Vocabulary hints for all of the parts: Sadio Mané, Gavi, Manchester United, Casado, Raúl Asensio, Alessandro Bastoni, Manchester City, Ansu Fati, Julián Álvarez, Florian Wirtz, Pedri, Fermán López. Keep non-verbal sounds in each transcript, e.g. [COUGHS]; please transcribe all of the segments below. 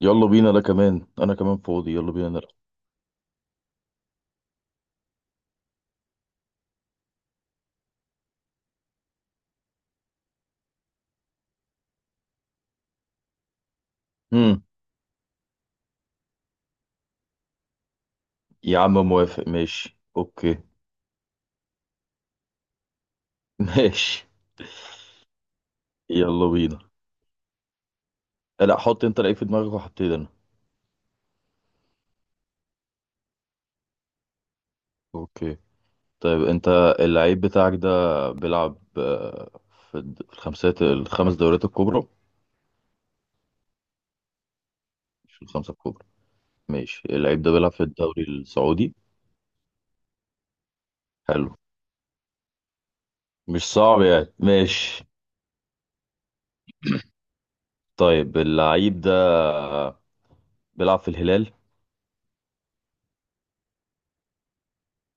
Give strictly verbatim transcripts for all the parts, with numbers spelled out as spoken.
يلا بينا، انا كمان انا كمان فاضي، يلا بينا نلعب. امم يا عم موافق، ماشي، اوكي. [LAUGHS] ماشي يلا بينا. لا، حط انت لعيب في دماغك وهبتدي انا. اوكي. طيب انت اللعيب بتاعك ده بيلعب آه، في الد- في الخمسات الخمس دوريات الكبرى. مش في الخمسة الكبرى؟ ماشي، اللعيب ده بيلعب في الدوري السعودي. حلو، مش صعب يعني، ماشي. طيب اللعيب ده بيلعب في الهلال؟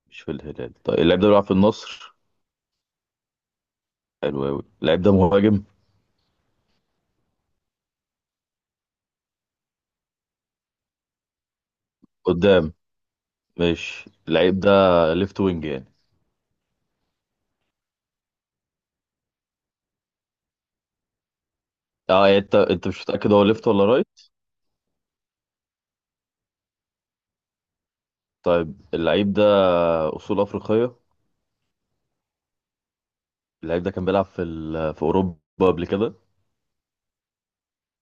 مش في الهلال، طيب اللعيب ده بيلعب في النصر. حلو أوي، اللعيب ده مهاجم؟ قدام. ماشي، اللعيب ده ليفت وينج يعني؟ اه يعني انت انت مش متأكد هو ليفت ولا رايت. طيب اللعيب ده أصول أفريقية؟ اللعيب ده كان بيلعب في ال... في أوروبا قبل كده؟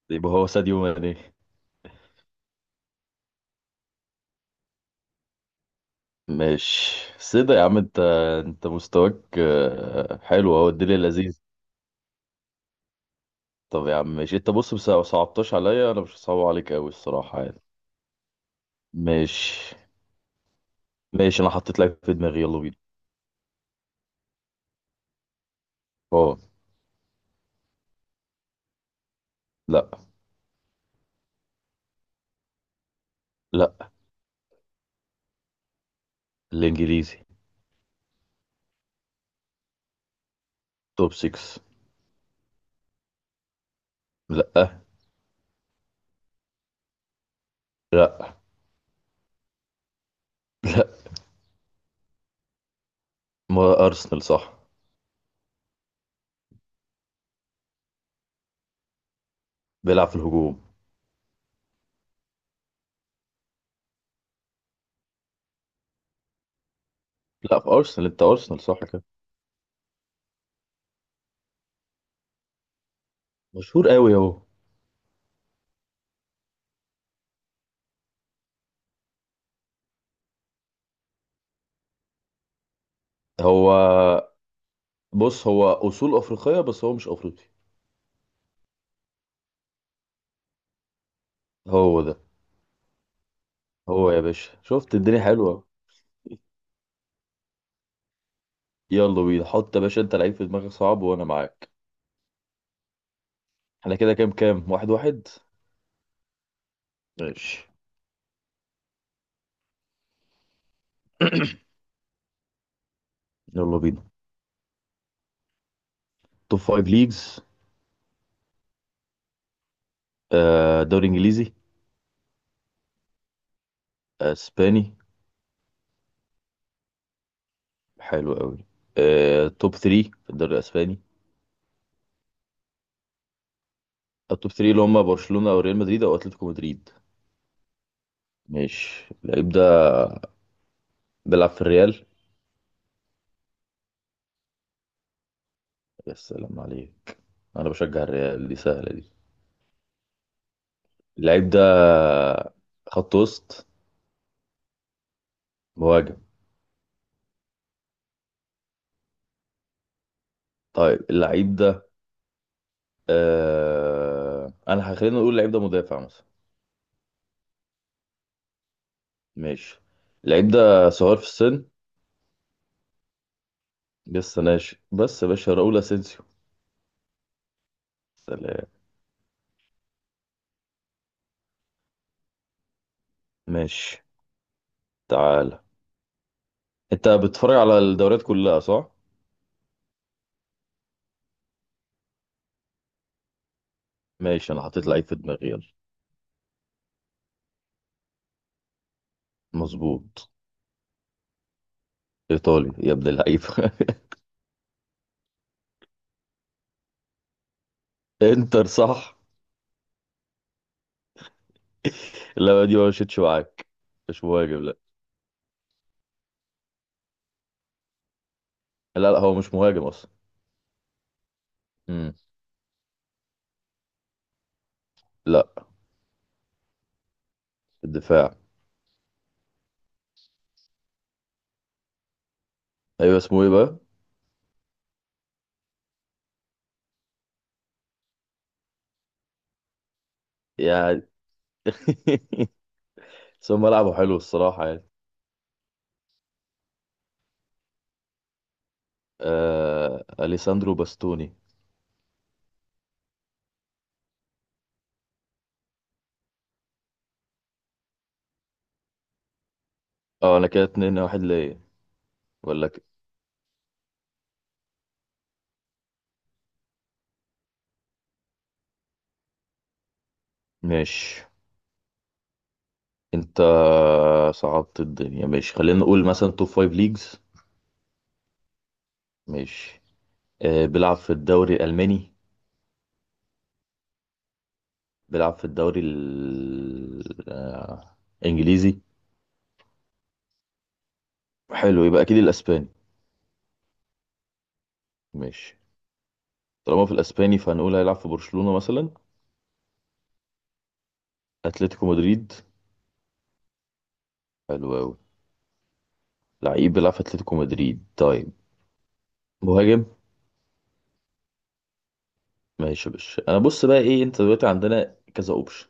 يبقى هو ساديو ماني. ماشي، سيدة يا عم انت. انت مستواك آه، حلو اهو، الدنيا لذيذ. طب يا عم ماشي، انت بص، بس لو صعبتش عليا انا مش هصعب عليك قوي الصراحة يعني. ماشي. ماشي، انا حطيت لك في دماغي، يلا بينا. اه. لا. لا. الانجليزي. توب ستة. لا. لا. ما ارسنال صح، بيلعب في الهجوم؟ لا، في ارسنال، انت ارسنال صح كده، مشهور قوي اهو. هو بص، هو اصول افريقيه بس هو مش افريقي. هو ده. هو يا باشا، شفت الدنيا حلوه. يلا بينا، حط يا باشا انت لعيب في دماغك صعب وانا معاك. احنا كده كام، كام واحد واحد. ماشي، يلا بينا. توب فايف ليجز. آه، دوري انجليزي؟ اسباني؟ حلو قوي. آه، توب ثلاثة في الدوري الاسباني؟ التوب ثلاثة اللي هم برشلونه او ريال مدريد او اتلتيكو مدريد. ماشي، اللعيب ده بيلعب في الريال؟ يا سلام عليك، انا بشجع الريال، دي سهله دي. اللعيب ده خط وسط؟ مهاجم؟ طيب اللعيب ده آه... انا خلينا نقول اللعيب ده مدافع مثلا. ماشي، اللعيب ده صغير في السن؟ لسه ناشئ، بس يا باشا راؤول اسينسيو. سلام. ماشي، تعال. انت بتتفرج على الدوريات كلها صح؟ ماشي، انا حطيت لعيب في دماغي، يلا. مظبوط. ايطالي يا ابن اللعيب. [LAUGHS] انتر، صح. لا، دي ما مشيتش معاك، مش مهاجم، لا. لا، لا هو مش مهاجم اصلا. امم لا. الدفاع. ايوه، اسمه ايه بقى؟ يعني. [LAUGHS] سو ملعبه حلو الصراحه يعني. آه... اليساندرو باستوني. اه انا كده اتنين واحد ليا. ولا ك... ماشي. انت صعبت الدنيا، ماشي، خلينا نقول مثلا توب فايف ليجز. ماشي. آه... بيلعب في الدوري الالماني؟ بيلعب في الدوري ال... آه... الانجليزي؟ حلو، يبقى اكيد الاسباني. ماشي، طالما في الاسباني فهنقول هيلعب في برشلونه مثلا. اتلتيكو مدريد. حلو أوي، لعيب بيلعب في أتلتيكو مدريد طيب. مهاجم. ماشي يا باشا، أنا بص بقى إيه، أنت دلوقتي عندنا كذا أوبشن.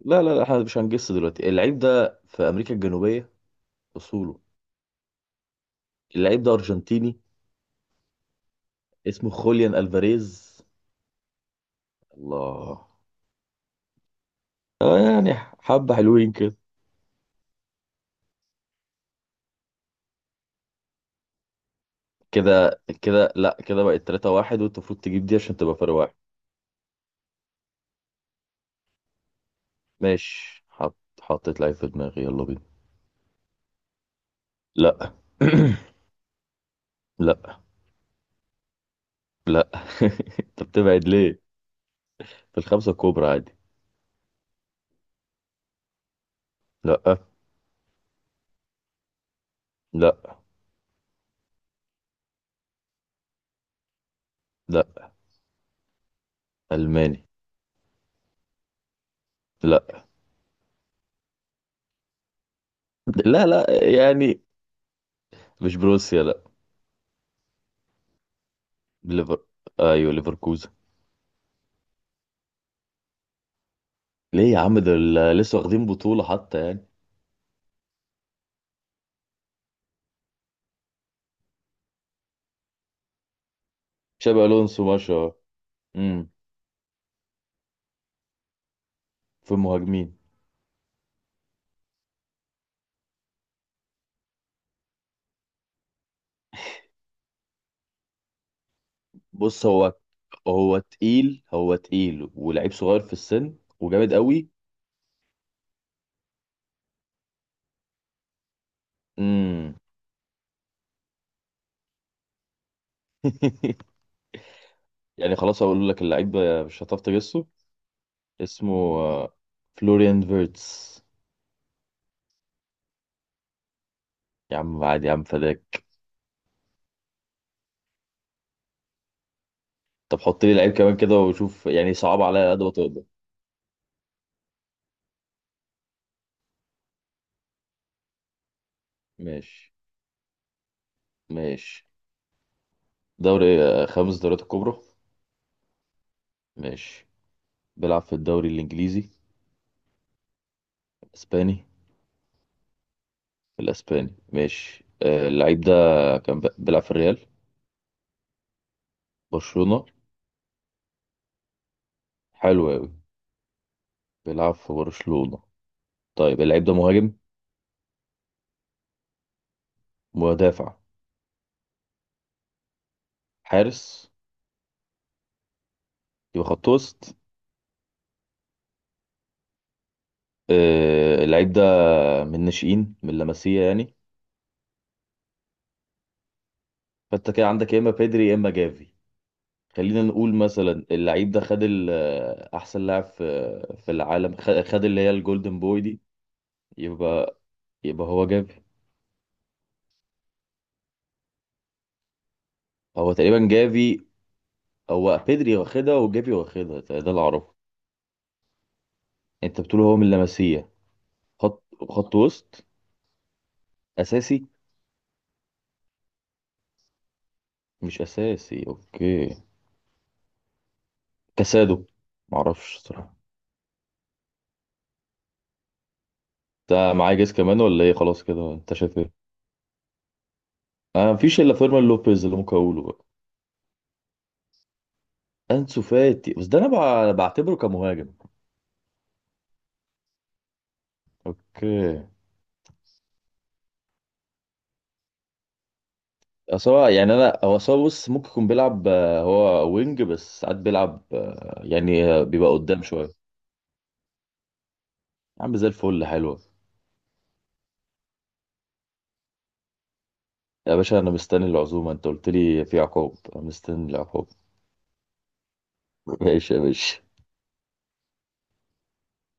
لا لا لا، إحنا مش هنجس دلوقتي. اللعيب ده في أمريكا الجنوبية؟ أصوله. اللعيب ده أرجنتيني. اسمه خوليان ألفاريز. الله. آه يعني، حبة حلوين كده. كده كده لا، كده بقت ثلاثة واحد، وأنت المفروض تجيب دي عشان تبقى فرق واحد. ماشي، حط حطيت لعيب في دماغي، يلا بينا. لا. [COUGHS] [CLEARS THROAT] لا. لا. [LAUGHS] أنت بتبعد ليه؟ في الخمسة الكبرى عادي. لا. لا. لا. ألماني. لا لا لا يعني مش بروسيا لا. ليفر. ايوه، ليفركوزن. ليه يا عم، ده ال- لسه واخدين بطولة حتى يعني. شابي ألونسو، ما شاء الله. امم في المهاجمين؟ بص هو، هو تقيل هو تقيل ولعيب صغير في السن وجامد قوي. امم [LAUGHS] يعني خلاص، هقول لك اللعيب ده مش هتعرف تجسه. اسمه آه، فلوريان فيرتس. يا عم عادي، يا عم فداك. طب حط لي لعيب كمان كده وشوف، يعني صعب عليا قد ما تقدر. ماشي. ماشي، دوري آه، خمس دوريات الكبرى. ماشي. بيلعب في الدوري الإنجليزي؟ الإسباني. الإسباني ماشي. آه، اللعيب ده كان ب- بيلعب في الريال؟ برشلونة؟ حلو أوي، بيلعب في برشلونة. طيب اللعيب ده مهاجم؟ مدافع؟ حارس؟ يبقى خط وسط. آه، اللعيب ده من الناشئين، من لاماسيا يعني. فأنت كده عندك يا إما بيدري يا إما جافي. خلينا نقول مثلا اللعيب ده خد ال- آه، أحسن لاعب في آه، في العالم، خ- خد اللي هي الجولدن بوي دي. يبقى، يبقى هو جافي. هو تقريبا جافي. هو بيدري واخدها وجافي واخدها، ده ده اللي اعرفه. انت بتقول هو من لاماسيا. خط، خط وسط اساسي؟ مش اساسي، اوكي. كاسادو؟ معرفش صراحه. ده معايا جيس كمان ولا ايه، خلاص كده انت شايف ايه؟ انا مفيش الا فيرمان لوبيز اللي ممكن اقوله بقى. انسو فاتي؟ بس ده انا بع- بعتبره كمهاجم. اوكي. أصل هو يعني انا هو أصل هو بص ممكن يكون بيلعب آه، هو وينج، بس ساعات بيلعب آه، يعني آه، بيبقى قدام شويه. يا عم زي الفل، حلوة. يا باشا أنا مستني العزومة، أنت قلت لي في عقاب، أنا مستني العقاب. [LAUGHS] ماشي يا باشا.